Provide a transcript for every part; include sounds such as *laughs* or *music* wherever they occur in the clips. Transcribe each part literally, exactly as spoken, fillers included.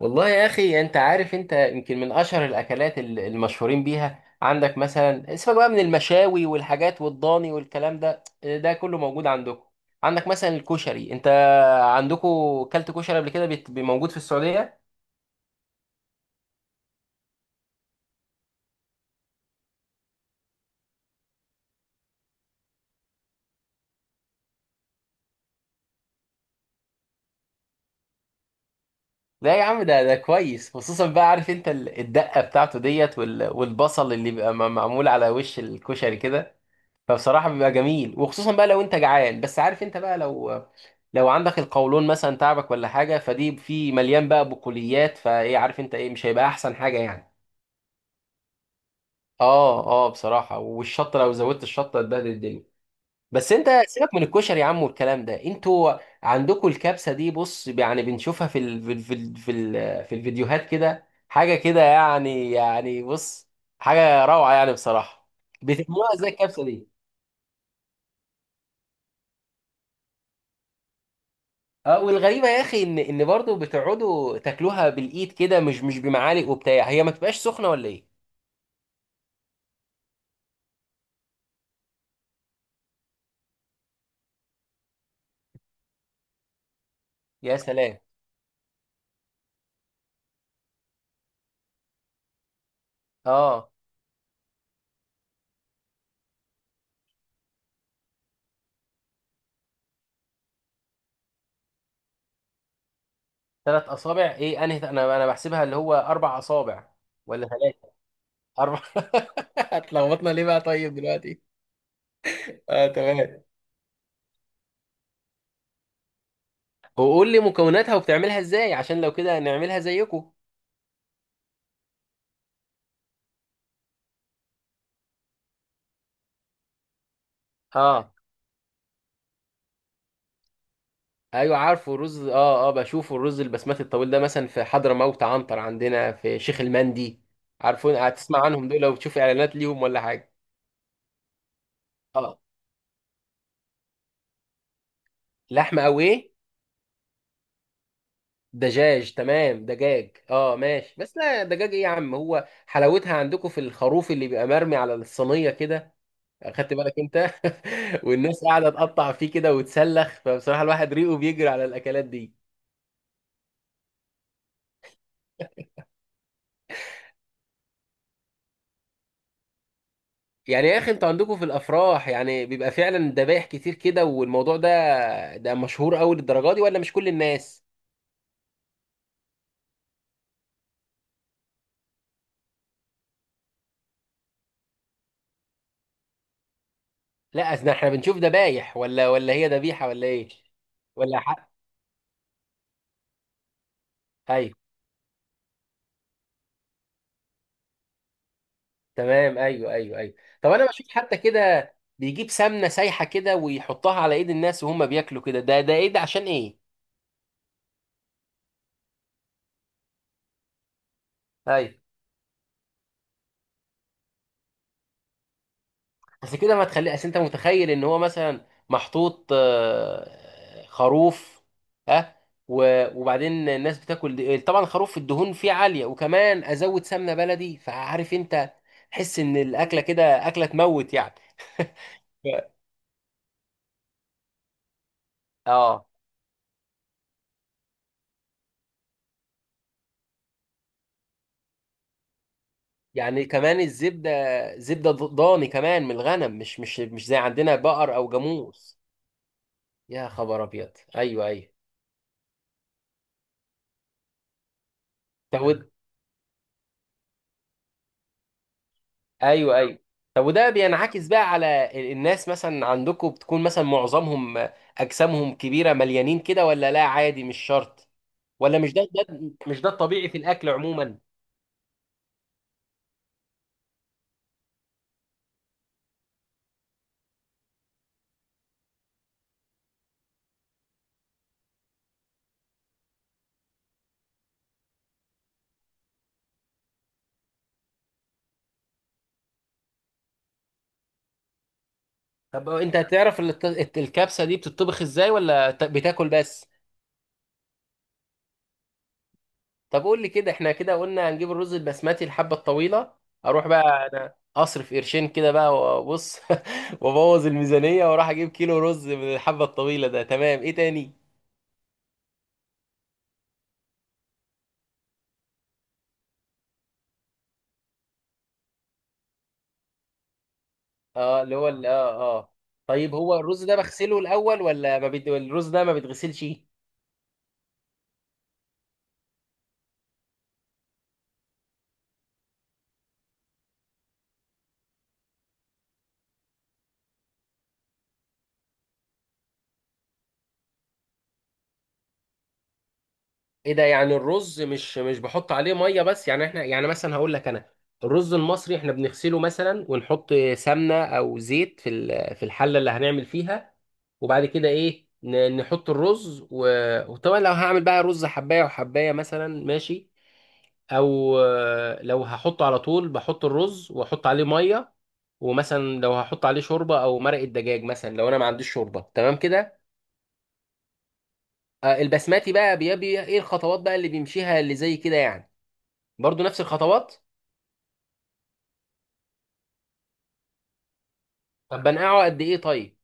والله يا اخي، انت عارف. انت يمكن من اشهر الاكلات ال- المشهورين بيها عندك. مثلا سيبك بقى من المشاوي والحاجات والضاني والكلام ده ده كله موجود عندكم. عندك مثلا الكشري، انت عندكم كلت كشري قبل كده؟ بيت- بي- موجود في السعوديه. لا يا عم، ده ده كويس، خصوصا بقى. عارف انت ال- الدقه بتاعته ديت وال- والبصل اللي بيبقى م- معمول على وش الكشري كده؟ فبصراحة بيبقى جميل، وخصوصا بقى لو انت جعان. بس عارف انت بقى، لو لو عندك القولون مثلا تعبك ولا حاجة، فدي في مليان بقى بقوليات فايه، عارف انت ايه؟ مش هيبقى احسن حاجة يعني. اه، اه، بصراحة. والشطة، لو زودت الشطة هتبهدل الدنيا. بس انت سيبك من الكشري يا عم، والكلام ده. انتوا عندكم الكبسة دي، بص يعني بنشوفها في ال... في ال... في ال... في, ال... في الفيديوهات كده، حاجة كده يعني يعني بص، حاجة روعة يعني بصراحة. بتعملوها ازاي الكبسة دي؟ اه، والغريبه يا اخي، ان ان برضه بتقعدوا تاكلوها بالايد كده، مش مش بمعالق وبتاع. هي ما تبقاش سخنه ولا ايه؟ يا سلام. اه. ثلاث اصابع ايه، انا انا انا بحسبها اللي هو اربع اصابع. ولا ثلاثه، اربع *laughs* اتلخبطنا ليه بقى طيب دلوقتي. اه، تمام. وقول لي مكوناتها وبتعملها ازاي، عشان لو كده نعملها زيكم. اه، ايوه عارفه الرز. اه، اه، بشوفه الرز البسمتي الطويل ده، مثلا في حضرموت عنتر، عندنا في شيخ المندي، عارفون؟ هتسمع عنهم دول لو بتشوف اعلانات ليهم ولا حاجه. اه. لحمه او ايه؟ دجاج تمام، دجاج اه ماشي. بس لا، دجاج ايه يا عم؟ هو حلاوتها عندكم في الخروف اللي بيبقى مرمي على الصينيه كده. اخدت بالك انت؟ *laughs* والناس قاعده تقطع فيه كده وتسلخ، فبصراحه الواحد ريقه بيجري على الاكلات دي. يعني يا اخي، انتوا عندكم في الافراح يعني بيبقى فعلا ذبايح كتير كده، والموضوع ده، ده مشهور قوي للدرجه دي ولا مش كل الناس؟ لا، اصل احنا بنشوف ذبايح، ولا ولا هي ذبيحه ولا ايه. ولا حق. ايوه، تمام، ايوه، ايوه، ايوه. طب انا بشوف حتى كده، بيجيب سمنه سايحه كده ويحطها على ايد الناس وهم بياكلوا كده، ده ده ايه، ده عشان ايه؟ ايوه، اصل كده ما تخلي. اصل انت متخيل ان هو مثلا محطوط آه، خروف، ها، و- وبعدين الناس بتاكل دي. طبعا خروف الدهون فيه عاليه، وكمان ازود سمنه بلدي، فعارف انت، تحس ان الاكله كده اكله تموت يعني. ف- اه يعني كمان الزبدة، زبدة ضاني كمان من الغنم، مش مش مش زي عندنا بقر أو جاموس. يا خبر أبيض. أيوه، أيوه. طب وده. أيوه، أيوه. طب وده بينعكس بقى على ال- الناس مثلا عندكم، بتكون مثلا معظمهم أجسامهم كبيرة مليانين كده، ولا لا عادي مش شرط؟ ولا مش ده ده مش ده الطبيعي في الأكل عموما. طب أنت تعرف الت- الت- الكبسة دي بتطبخ إزاي، ولا ت- بتاكل بس؟ طب قول لي كده، احنا كده قلنا هنجيب الرز البسمتي الحبة الطويلة، اروح بقى انا اصرف قرشين كده بقى وابص *laughs* وابوظ الميزانية، واروح اجيب كيلو رز من الحبة الطويلة ده، تمام. ايه تاني؟ اه، اللي هو ال- اه اه، طيب هو الرز ده بغسله الاول ولا ما بيت... الرز ده ما بيتغسلش؟ ايه ده يعني، الرز مش مش بحط عليه ميه بس يعني؟ احنا يعني مثلا هقول لك انا، الرز المصري احنا بنغسله مثلا ونحط سمنه او زيت في ال- في الحله اللي هنعمل فيها، وبعد كده ايه، ن- نحط الرز، و- وطبعا لو هعمل بقى رز حبايه وحبايه مثلا ماشي، او آه، لو هحطه على طول بحط الرز واحط عليه ميه، ومثلا لو هحط عليه شوربه او مرقه دجاج مثلا، لو انا ما عنديش شوربه، تمام كده. آه، البسماتي بقى بيبي ايه الخطوات بقى اللي بيمشيها اللي زي كده يعني، برضو نفس الخطوات؟ طب بنقعه قد ايه طيب؟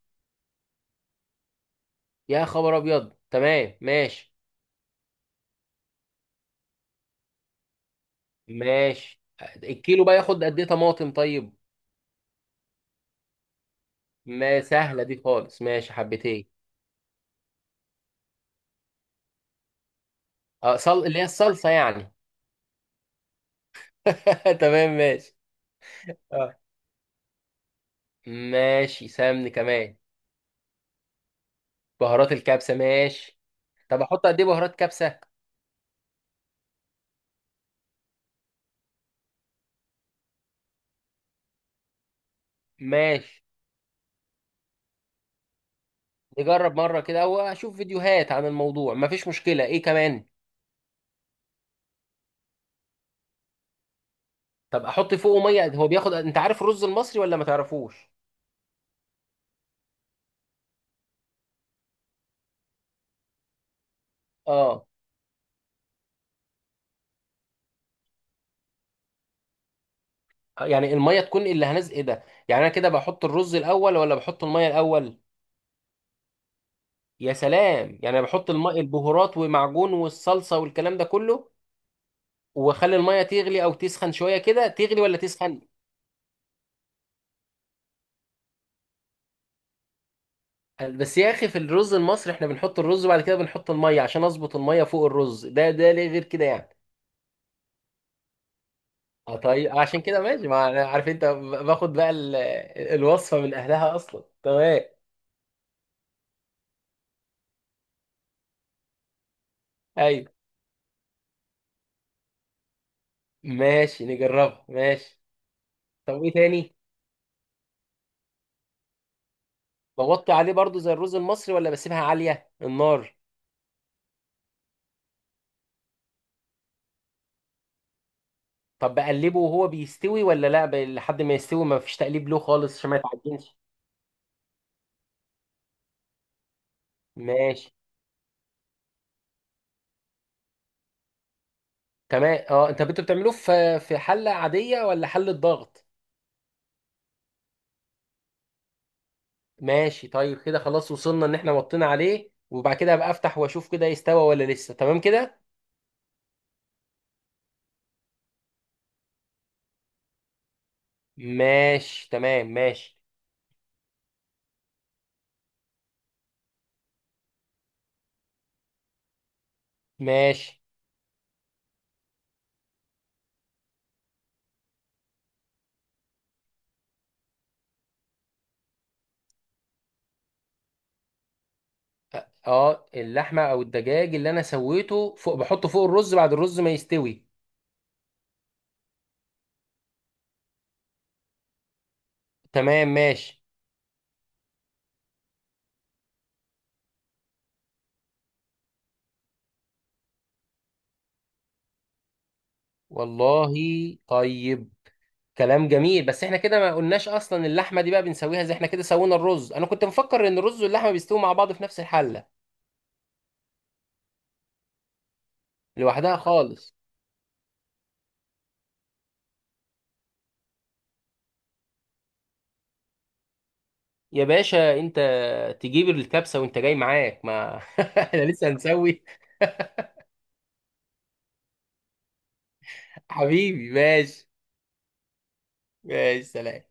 يا خبر ابيض، تمام ماشي. ماشي. الكيلو بقى ياخد قد ايه طماطم طيب؟ ما سهله دي خالص، ماشي حبتين. اه، صل... اللي هي الصلصه يعني؟ *laughs* تمام ماشي. اه، ماشي سمن كمان. بهارات الكبسه، ماشي. طب احط قد ايه بهارات كبسه؟ ماشي، نجرب مره كده او اشوف فيديوهات عن الموضوع، مفيش مشكله. ايه كمان؟ طب احط فوقه ميه هو بياخد، انت عارف الرز المصري ولا ما تعرفوش؟ اه. يعني الميه تكون اللي هنزل ايه ده يعني، انا كده بحط الرز الاول ولا بحط الميه الاول؟ يا سلام. يعني أنا بحط الميه، البهارات ومعجون والصلصه والكلام ده كله، واخلي الميه تغلي او تسخن شويه كده؟ تغلي ولا تسخن؟ بس يا اخي في الرز المصري احنا بنحط الرز وبعد كده بنحط الميه عشان اظبط الميه فوق الرز، ده، ده ليه غير كده يعني؟ اه، طيب عشان كده ماشي، ما أنا عارف انت باخد بقى ال- الوصفه من اهلها اصلا، تمام. ايوه ماشي، نجربها ماشي. طب ايه تاني؟ بوطي عليه برضو زي الرز المصري، ولا بسيبها عالية النار؟ طب بقلبه وهو بيستوي ولا لا، ب- لحد ما يستوي ما فيش تقليب له خالص عشان ما يتعجنش؟ ماشي تمام. اه، انت انتوا بتعملوه في في حلة عادية ولا حلة ضغط؟ ماشي طيب، كده خلاص وصلنا ان احنا وطينا عليه، وبعد كده ابقى افتح واشوف كده يستوى ولا لسه، تمام كده؟ ماشي، تمام ماشي. ماشي. اه. آه، اللحمة او الدجاج اللي انا سويته فوق بحطه فوق الرز بعد الرز ما يستوي؟ تمام ماشي. والله. طيب. كلام جميل، بس احنا كده ما قلناش اصلا اللحمه دي بقى بنسويها زي احنا كده سوينا الرز. انا كنت مفكر ان الرز واللحمه بيستووا مع بعض في نفس الحله. لوحدها خالص؟ يا باشا انت تجيب الكبسه وانت جاي معاك، ما *laughs* احنا لسه هنسوي. حبيبي ماشي. ماشي، سلام.